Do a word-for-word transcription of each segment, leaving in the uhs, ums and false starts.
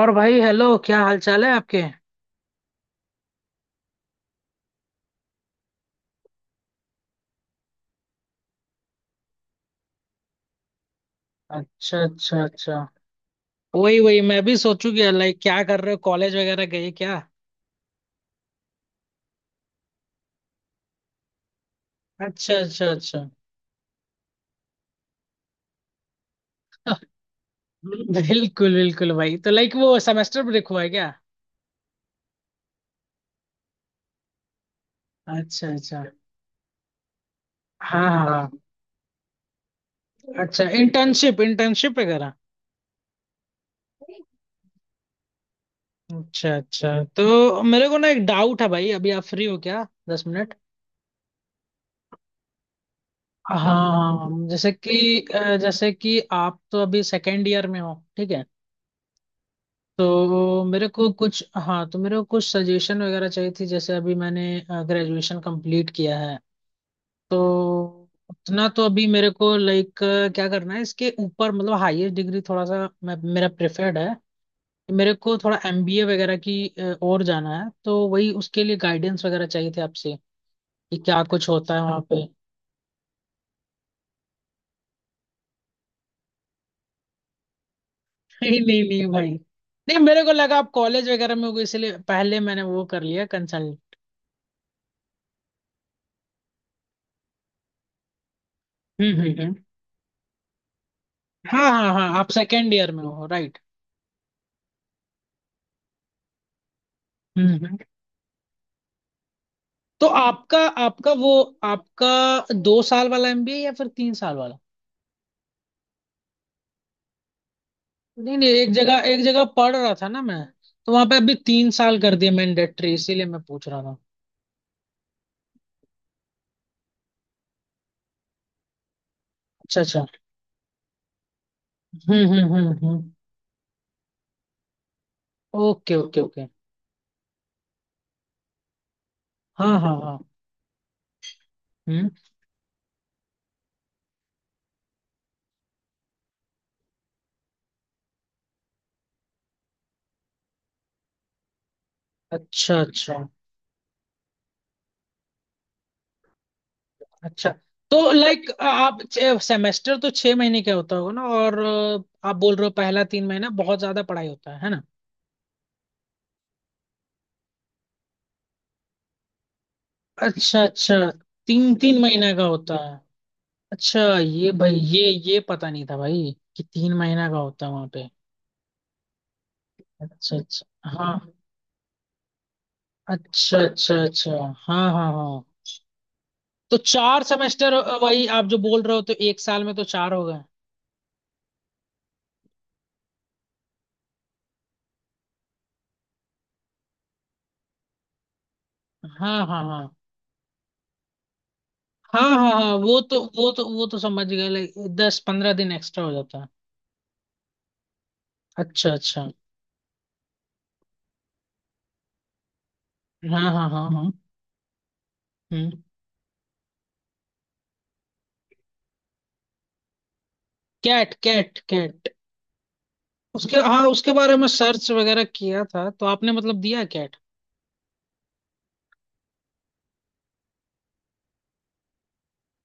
और भाई, हेलो, क्या हाल चाल है आपके? अच्छा, अच्छा, अच्छा। वही वही, मैं भी सोचू कि लाइक क्या कर रहे हो, कॉलेज वगैरह गए क्या? अच्छा, अच्छा, अच्छा। बिल्कुल बिल्कुल भाई, तो लाइक वो सेमेस्टर ब्रेक हुआ है क्या? अच्छा, अच्छा। हाँ, हाँ। अच्छा, इंटर्नशिप इंटर्नशिप वगैरह। अच्छा, अच्छा, तो मेरे को ना एक डाउट है भाई, अभी आप फ्री हो क्या, दस मिनट? हाँ, हाँ, जैसे कि अ, जैसे कि आप तो अभी सेकेंड ईयर में हो, ठीक है? तो मेरे को कुछ, हाँ, तो मेरे को कुछ सजेशन वगैरह चाहिए थी, जैसे अभी मैंने ग्रेजुएशन कंप्लीट किया है। तो, उतना तो अभी मेरे को लाइक क्या करना है इसके ऊपर, मतलब हाईएस्ट डिग्री थोड़ा सा मैं, मेरा प्रेफर्ड है। मेरे को थोड़ा एमबीए वगैरह की अ, ओर जाना है, तो वही उसके लिए गाइडेंस वगैरह चाहिए थे आपसे, कि क्या कुछ होता है वहाँ पे। नहीं नहीं नहीं भाई। नहीं, मेरे को लगा आप कॉलेज वगैरह में हो, इसलिए पहले मैंने वो कर लिया, कंसल्ट। हम्म, हम्म, हम्म। हाँ, हाँ, हाँ, आप सेकेंड ईयर में हो, राइट? हम्म, हम्म। तो आपका, आपका वो आपका दो साल वाला एमबीए या फिर तीन साल वाला? नहीं नहीं, एक जगह एक जगह पढ़ रहा था ना मैं। तो वहां पे अभी तीन साल कर दिया मैंडेटरी, इसीलिए मैं पूछ रहा था। अच्छा, अच्छा, हम्म, हम्म, हम्म, हम्म। Okay, okay, okay. हाँ, हाँ, हाँ, हम्म। अच्छा, अच्छा, अच्छा, तो लाइक आप, सेमेस्टर तो छह महीने का होता होगा ना, और अ, आप बोल रहे हो पहला तीन महीना बहुत ज्यादा पढ़ाई होता है है ना? अच्छा, अच्छा। तीन तीन महीने का होता है। अच्छा ये भाई, ये ये पता नहीं था भाई कि तीन महीना का होता है वहां पे। अच्छा, अच्छा, हाँ। अच्छा, अच्छा, अच्छा, हाँ, हाँ, हाँ। तो चार सेमेस्टर, वही आप जो बोल रहे हो, तो एक साल में तो चार हो गए। हाँ, हाँ, हाँ, हाँ, हाँ, हाँ, वो तो वो तो वो तो समझ गए, लाइक दस पंद्रह दिन एक्स्ट्रा हो जाता है। अच्छा, अच्छा, हाँ, हाँ, हाँ, हाँ, हम्म। कैट, कैट, कैट, उसके, हाँ, उसके बारे में सर्च वगैरह किया था, तो आपने मतलब दिया कैट?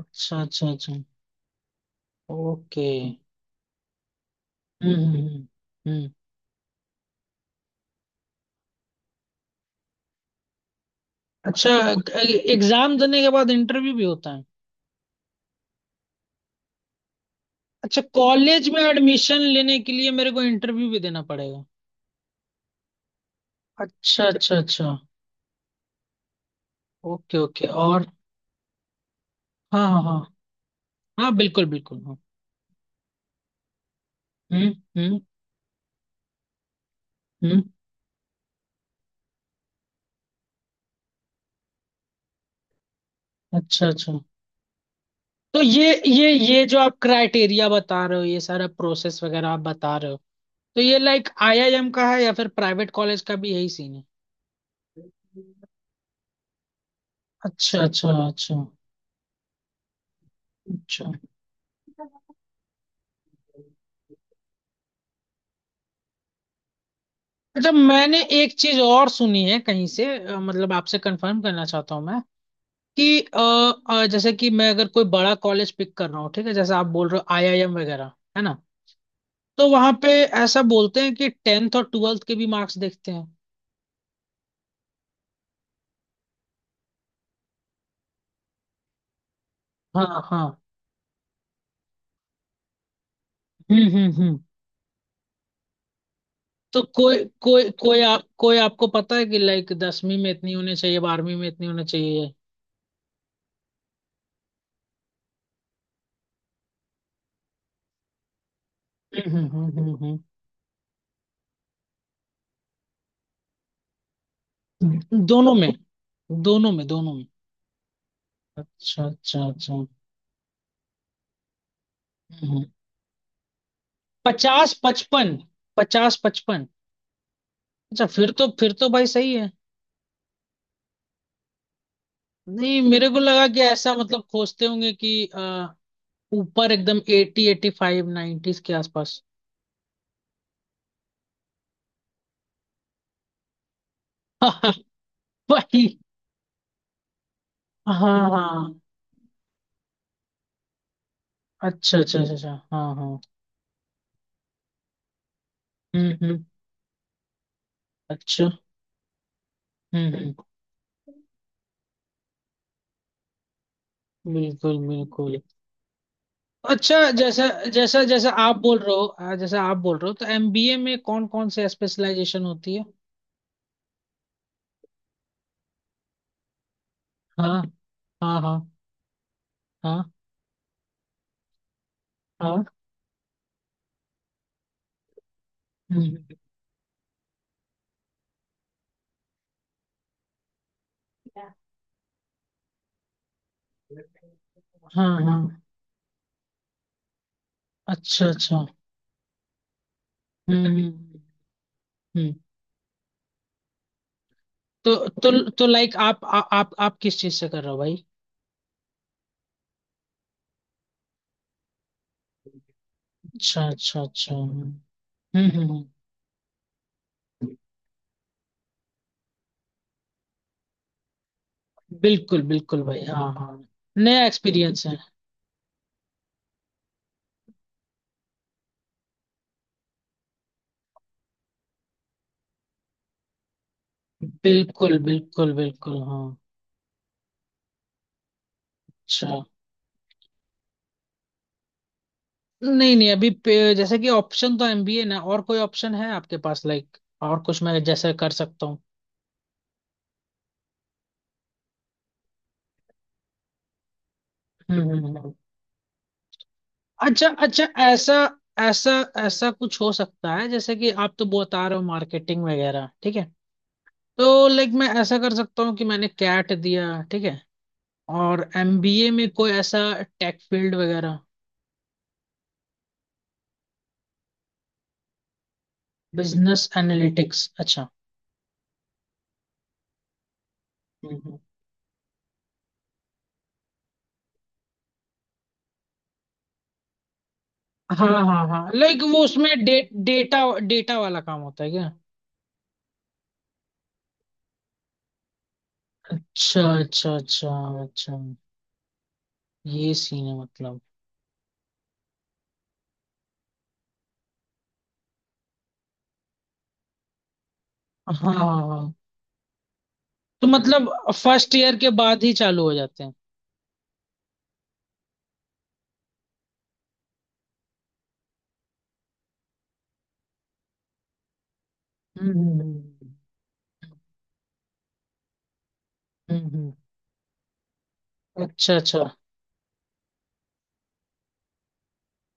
अच्छा, अच्छा, अच्छा, ओके। हम्म, हम्म, हम्म। हम्म। अच्छा, एग्जाम देने के बाद इंटरव्यू भी होता है? अच्छा, कॉलेज में एडमिशन लेने के लिए मेरे को इंटरव्यू भी देना पड़ेगा? अच्छा, अच्छा, अच्छा, ओके, ओके, और। हाँ, हाँ, हाँ, हाँ, बिल्कुल बिल्कुल, हाँ। हम्म, हम्म, हम्म, अच्छा, अच्छा, तो ये ये ये जो आप क्राइटेरिया बता रहे हो, ये सारा प्रोसेस वगैरह आप बता रहे हो, तो ये लाइक आईआईएम का है या फिर प्राइवेट कॉलेज का भी यही सीन है? अच्छा, अच्छा, अच्छा, अच्छा। अच्छा, मैंने एक चीज और सुनी है कहीं से, अ, मतलब आपसे कंफर्म करना चाहता हूँ मैं, कि अ, अ, जैसे कि मैं अगर कोई बड़ा कॉलेज पिक कर रहा हूँ, ठीक है, जैसे आप बोल रहे हो आईआईएम वगैरह, है ना? तो वहां पे ऐसा बोलते हैं कि टेंथ और ट्वेल्थ के भी मार्क्स देखते हैं। हाँ, हाँ, हम्म, हम्म, हम्म, तो कोई कोई कोई आप, कोई आपको पता है कि लाइक दसवीं में इतनी होनी चाहिए, बारहवीं में इतनी होनी चाहिए? हम्म, हम्म, हम्म, हम्म, हम्म। दोनों में, दोनों में, दोनों में। अच्छा, अच्छा, अच्छा, हम्म, हम्म। पचास पचपन, पचास पचपन। अच्छा, फिर तो फिर तो भाई सही है। नहीं, मेरे को लगा कि ऐसा मतलब खोजते होंगे कि अ, ऊपर एकदम एटी एटी फाइव नाइन्टीज के आसपास। भाई, हाँ, हाँ। अच्छा, अच्छा, अच्छा, अच्छा, हाँ, हाँ। हम्म, हम्म, अच्छा, हम्म, हम्म, बिल्कुल बिल्कुल। अच्छा, जैसा जैसा जैसा आप बोल रहे हो, अ, जैसा आप बोल रहे हो, तो एमबीए में कौन कौन से स्पेशलाइजेशन होती है? हाँ, हाँ, हाँ, हाँ, हाँ, हम्म, हाँ, हाँ, अच्छा, अच्छा, हम्म, हम्म, हम्म। तो तो तो लाइक आप आ, आप आप किस चीज से कर रहे हो भाई? अच्छा, अच्छा, अच्छा, हम्म, हम्म, हम्म। बिल्कुल बिल्कुल भाई, हाँ, हाँ। नया एक्सपीरियंस है। बिल्कुल, बिल्कुल, बिल्कुल, हाँ। अच्छा, नहीं नहीं, अभी पे- जैसे कि ऑप्शन तो एमबीए ना, और कोई ऑप्शन है आपके पास लाइक, और कुछ मैं जैसे कर सकता हूँ? हम्म, हम्म, हम्म। अच्छा, अच्छा, ऐसा ऐसा ऐसा कुछ हो सकता है, जैसे कि आप तो बता रहे हो मार्केटिंग वगैरह ठीक है, तो लाइक मैं ऐसा कर सकता हूँ कि मैंने कैट दिया ठीक है, और एमबीए में कोई ऐसा टेक फील्ड वगैरह? बिजनेस एनालिटिक्स, अच्छा। हम्म। हाँ, हाँ, हाँ, लाइक वो उसमें डे, डेटा, डेटा वाला काम होता है क्या? अच्छा, अच्छा, अच्छा, अच्छा, ये सीन है मतलब। हाँ, हाँ, हाँ, तो मतलब फर्स्ट ईयर के बाद ही चालू हो जाते हैं? हम्म, हम्म, हम्म, अच्छा, अच्छा,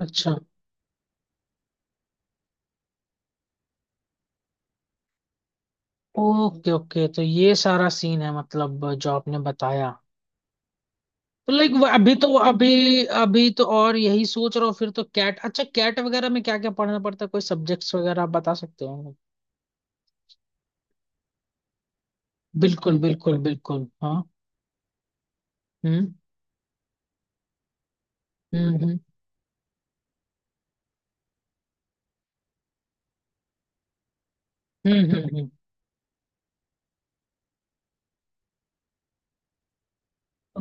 अच्छा, ओके, ओके, तो ये सारा सीन है मतलब जो आपने बताया, तो लाइक अभी तो, अभी अभी तो, और यही सोच रहा हूँ, फिर तो कैट, अच्छा कैट वगैरह में क्या क्या पढ़ना पड़ता है, कोई सब्जेक्ट्स वगैरह आप बता सकते हो? बिल्कुल, बिल्कुल, बिल्कुल, हाँ, हम्म, हम्म, हम्म, हम्म, हम्म, हम्म।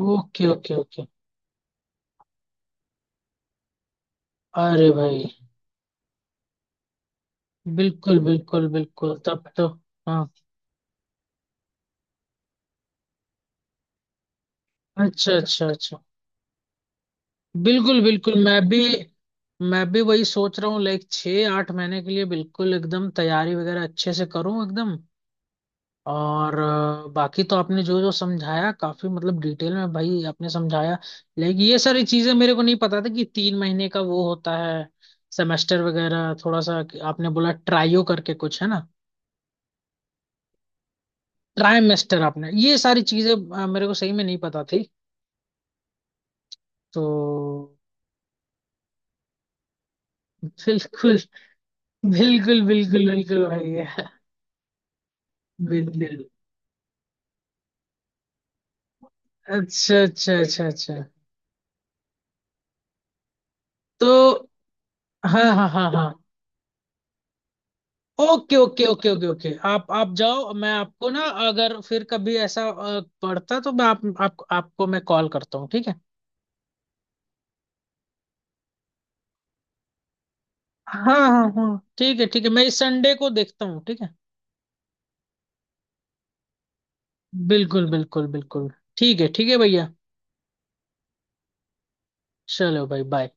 ओके, ओके, ओके, अरे भाई, बिल्कुल, बिल्कुल, बिल्कुल, तब तो, हाँ, अच्छा, अच्छा, अच्छा, बिल्कुल बिल्कुल, मैं भी, मैं भी वही सोच रहा हूँ, लाइक छः आठ महीने के लिए बिल्कुल एकदम तैयारी वगैरह अच्छे से करूँ एकदम, और अ, बाकी तो आपने जो जो समझाया काफी, मतलब डिटेल में, भाई आपने समझाया, लेकिन ये सारी चीजें मेरे को नहीं पता था कि तीन महीने का वो होता है सेमेस्टर वगैरह, थोड़ा सा, कि आपने बोला ट्राइयो करके कुछ है ना, ट्राइमेस्टर, आपने ये सारी चीजें अ, मेरे को सही में नहीं पता थी। तो, बिल्कुल, बिल्कुल, बिल्कुल, बिल्कुल भाई, बिल्कुल, अच्छा, अच्छा, अच्छा, अच्छा, तो, हाँ, हाँ, हाँ, हाँ, okay, okay, okay, okay, okay, आप आप जाओ, मैं आपको ना, अगर फिर कभी ऐसा अ, पड़ता, तो मैं आप, आप आपको मैं कॉल करता हूँ, ठीक है? हाँ, हाँ, हाँ, ठीक है, ठीक है, मैं इस संडे को देखता हूँ, ठीक है? बिल्कुल, बिल्कुल, बिल्कुल, ठीक है, ठीक है भैया, चलो भाई, बाय।